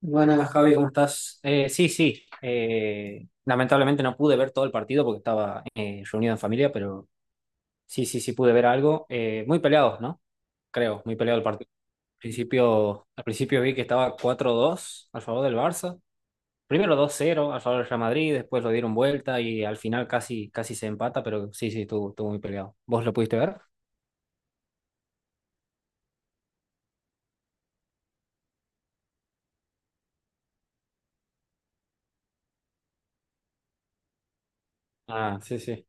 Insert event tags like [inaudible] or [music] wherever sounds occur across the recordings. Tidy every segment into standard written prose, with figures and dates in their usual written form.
Buenas, Javi, ¿cómo estás? Sí, sí. Lamentablemente no pude ver todo el partido porque estaba reunido en familia, pero sí, sí, sí pude ver algo. Muy peleados, ¿no? Creo, muy peleado el partido. Al principio, vi que estaba 4-2 al favor del Barça. Primero 2-0 al favor del Real Madrid, después lo dieron vuelta y al final casi, casi se empata, pero sí, sí, estuvo muy peleado. ¿Vos lo pudiste ver? Ah, sí, sí.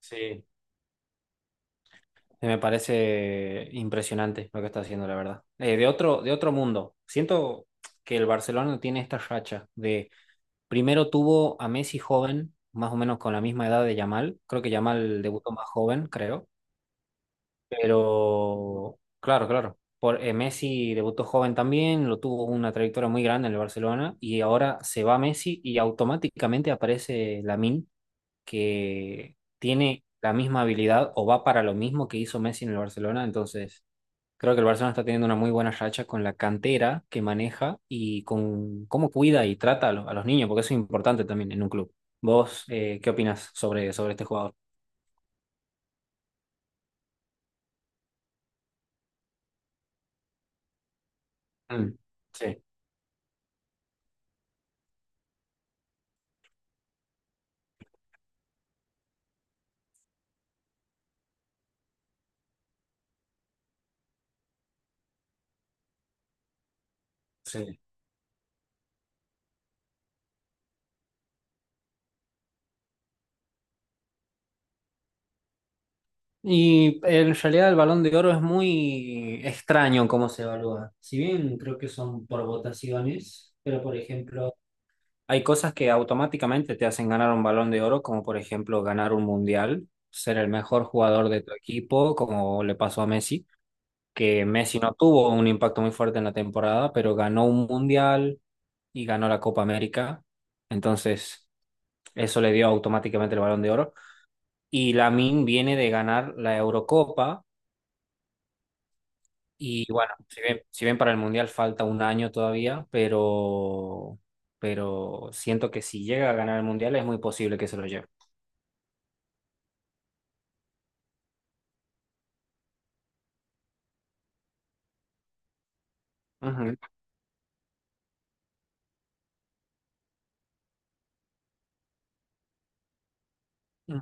Sí. Me parece impresionante lo que está haciendo, la verdad. De otro mundo. Siento que el Barcelona tiene esta racha de primero tuvo a Messi joven, más o menos con la misma edad de Yamal. Creo que Yamal debutó más joven, creo. Pero claro, claro. Messi debutó joven también, lo tuvo una trayectoria muy grande en el Barcelona y ahora se va Messi y automáticamente aparece Lamine, que tiene la misma habilidad o va para lo mismo que hizo Messi en el Barcelona, entonces, creo que el Barcelona está teniendo una muy buena racha con la cantera que maneja y con cómo cuida y trata a los niños, porque eso es importante también en un club. ¿Vos qué opinas sobre, este jugador? Mm, sí, sí. Y en realidad el Balón de Oro es muy extraño cómo se evalúa. Si bien creo que son por votaciones, pero por ejemplo, hay cosas que automáticamente te hacen ganar un Balón de Oro, como por ejemplo ganar un mundial, ser el mejor jugador de tu equipo, como le pasó a Messi, que Messi no tuvo un impacto muy fuerte en la temporada, pero ganó un mundial y ganó la Copa América. Entonces, eso le dio automáticamente el Balón de Oro. Y Lamine viene de ganar la Eurocopa. Y bueno, si bien para el mundial falta un año todavía, pero siento que si llega a ganar el mundial es muy posible que se lo lleve. Ujú.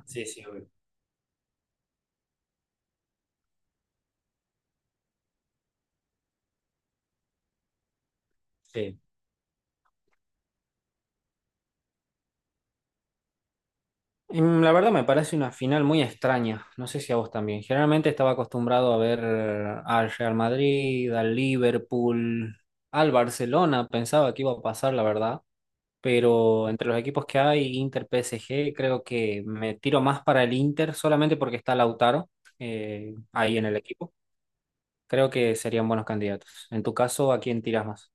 Sí, sí, obvio. Sí. La verdad me parece una final muy extraña, no sé si a vos también. Generalmente estaba acostumbrado a ver al Real Madrid, al Liverpool, al Barcelona, pensaba que iba a pasar, la verdad, pero entre los equipos que hay, Inter, PSG, creo que me tiro más para el Inter solamente porque está Lautaro ahí en el equipo. Creo que serían buenos candidatos. En tu caso, ¿a quién tiras más?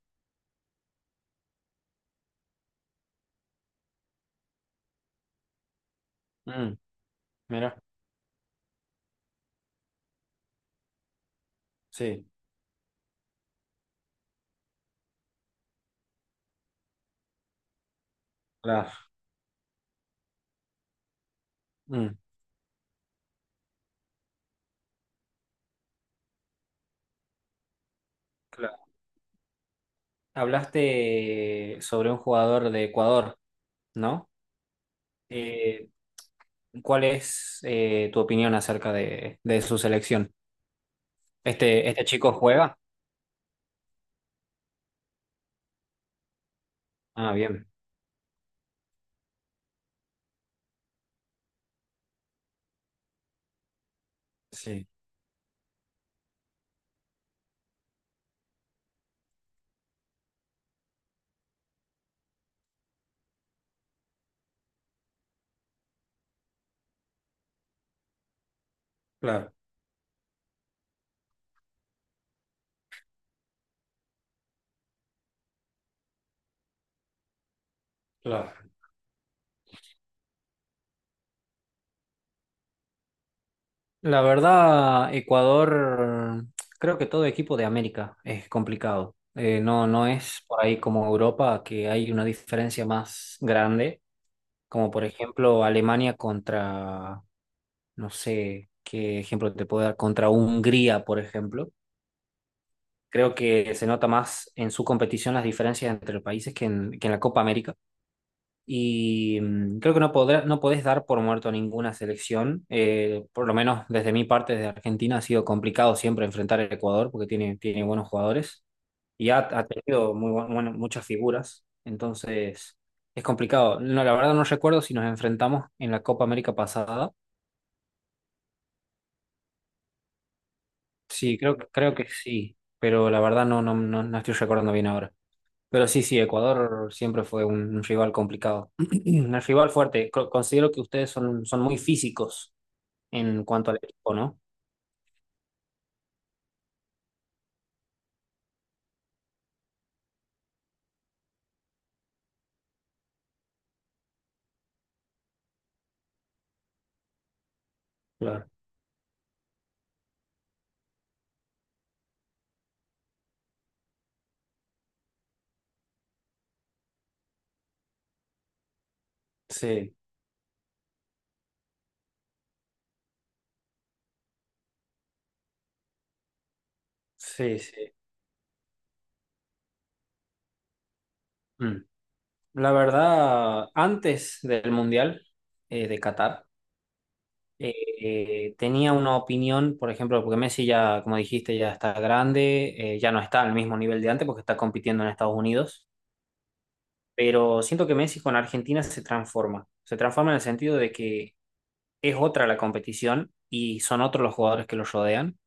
Mm, mira, sí, claro. Mm, claro. Hablaste sobre un jugador de Ecuador, ¿no? Eh, ¿Cuál es tu opinión acerca de, su selección? ¿Este chico juega? Ah, bien, sí, claro, claro. La verdad, Ecuador, creo que todo equipo de América es complicado. No, no es por ahí como Europa que hay una diferencia más grande, como por ejemplo Alemania contra, no sé qué ejemplo te puedo dar, contra Hungría, por ejemplo. Creo que se nota más en su competición las diferencias entre los países que en la Copa América. Y creo que no podés dar por muerto a ninguna selección. Por lo menos desde mi parte, desde Argentina, ha sido complicado siempre enfrentar a Ecuador porque tiene buenos jugadores y ha tenido muy bueno, muchas figuras. Entonces, es complicado. No, la verdad no recuerdo si nos enfrentamos en la Copa América pasada. Sí, creo que sí, pero la verdad no, no, no, no estoy recordando bien ahora. Pero sí, sí, Ecuador siempre fue un rival complicado, [clears throat] un rival fuerte. Considero que ustedes son muy físicos en cuanto al equipo, ¿no? Claro. Sí, sí, sí. Mm. La verdad, antes del Mundial de Qatar, eh, tenía una opinión, por ejemplo, porque Messi ya, como dijiste, ya está grande, ya no está al mismo nivel de antes porque está compitiendo en Estados Unidos, pero siento que Messi con Argentina se transforma. Se transforma en el sentido de que es otra la competición y son otros los jugadores que los rodean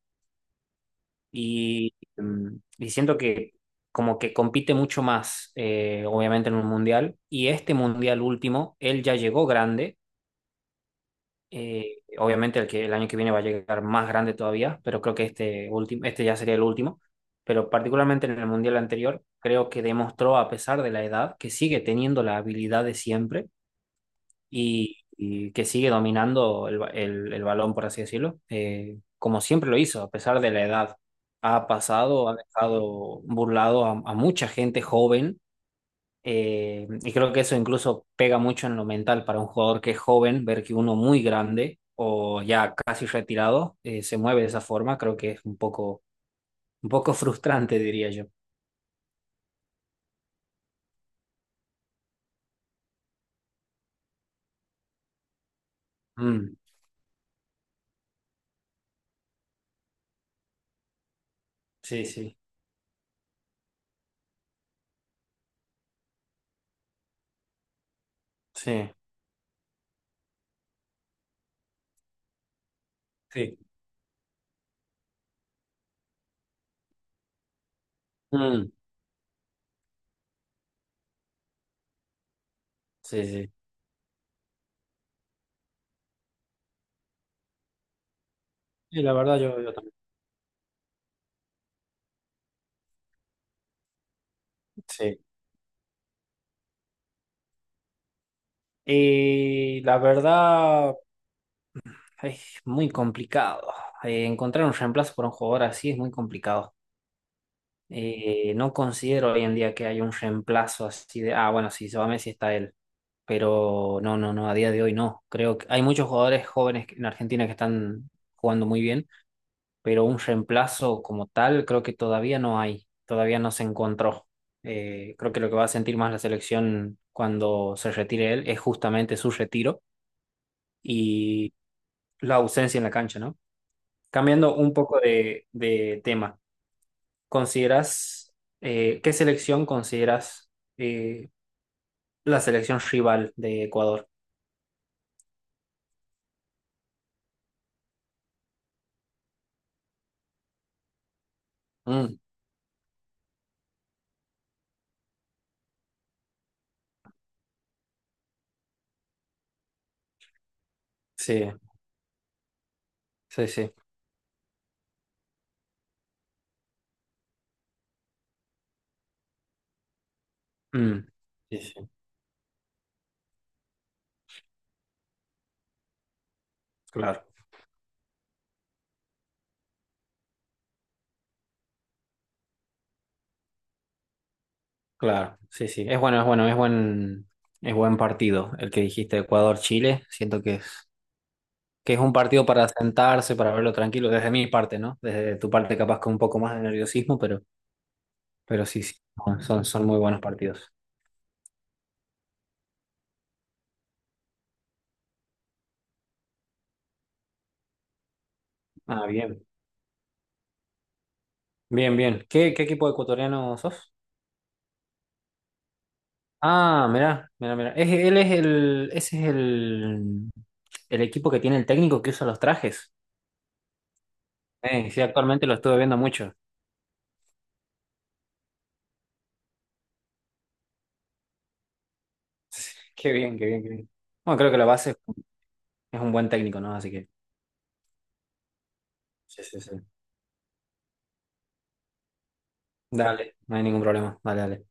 y, mm, y siento que como que compite mucho más, obviamente, en un mundial y este mundial último, él ya llegó grande. Obviamente el año que viene va a llegar más grande todavía, pero creo que este último, este ya sería el último. Pero particularmente en el mundial anterior, creo que demostró, a pesar de la edad, que sigue teniendo la habilidad de siempre y que sigue dominando el balón, por así decirlo, como siempre lo hizo, a pesar de la edad. Ha pasado, ha dejado burlado a, mucha gente joven, y creo que eso incluso pega mucho en lo mental para un jugador que es joven, ver que uno muy grande o ya casi retirado se mueve de esa forma, creo que es un poco [laughs] frustrante, diría yo. Mm, sí, sí, sí, sí. Mm, sí, sí. Sí, la verdad yo también. Sí. Y la verdad es muy complicado. Encontrar un reemplazo por un jugador así es muy complicado. No considero hoy en día que haya un reemplazo así de, bueno, si se va Messi está él. Pero no, no, no, a día de hoy no. Creo que hay muchos jugadores jóvenes en Argentina que están jugando muy bien, pero un reemplazo como tal creo que todavía no hay, todavía no se encontró. Creo que lo que va a sentir más la selección cuando se retire él es justamente su retiro, la ausencia en la cancha, ¿no? Cambiando un poco de tema, ¿consideras, qué selección consideras eh, la selección rival de Ecuador? Mm, sí, sí, sí. Mm, sí, sí, claro, claro, sí, sí. Es buen partido el que dijiste, Ecuador-Chile. Siento que es, un partido para sentarse, para verlo tranquilo, desde mi parte, ¿no? Desde tu parte capaz con un poco más de nerviosismo, pero sí, sí, son muy buenos partidos. Ah, bien. Bien, bien. ¿Qué equipo ecuatoriano sos? Ah, mirá, mirá, mirá. Es- él es el, ese es el equipo que tiene el técnico que usa los trajes. Sí, actualmente lo estuve viendo mucho. [laughs] Qué bien, qué bien, qué bien. Bueno, creo que la base es un buen técnico, ¿no? Así que, sí, sí, sí. Dale, no hay ningún problema. Dale, dale.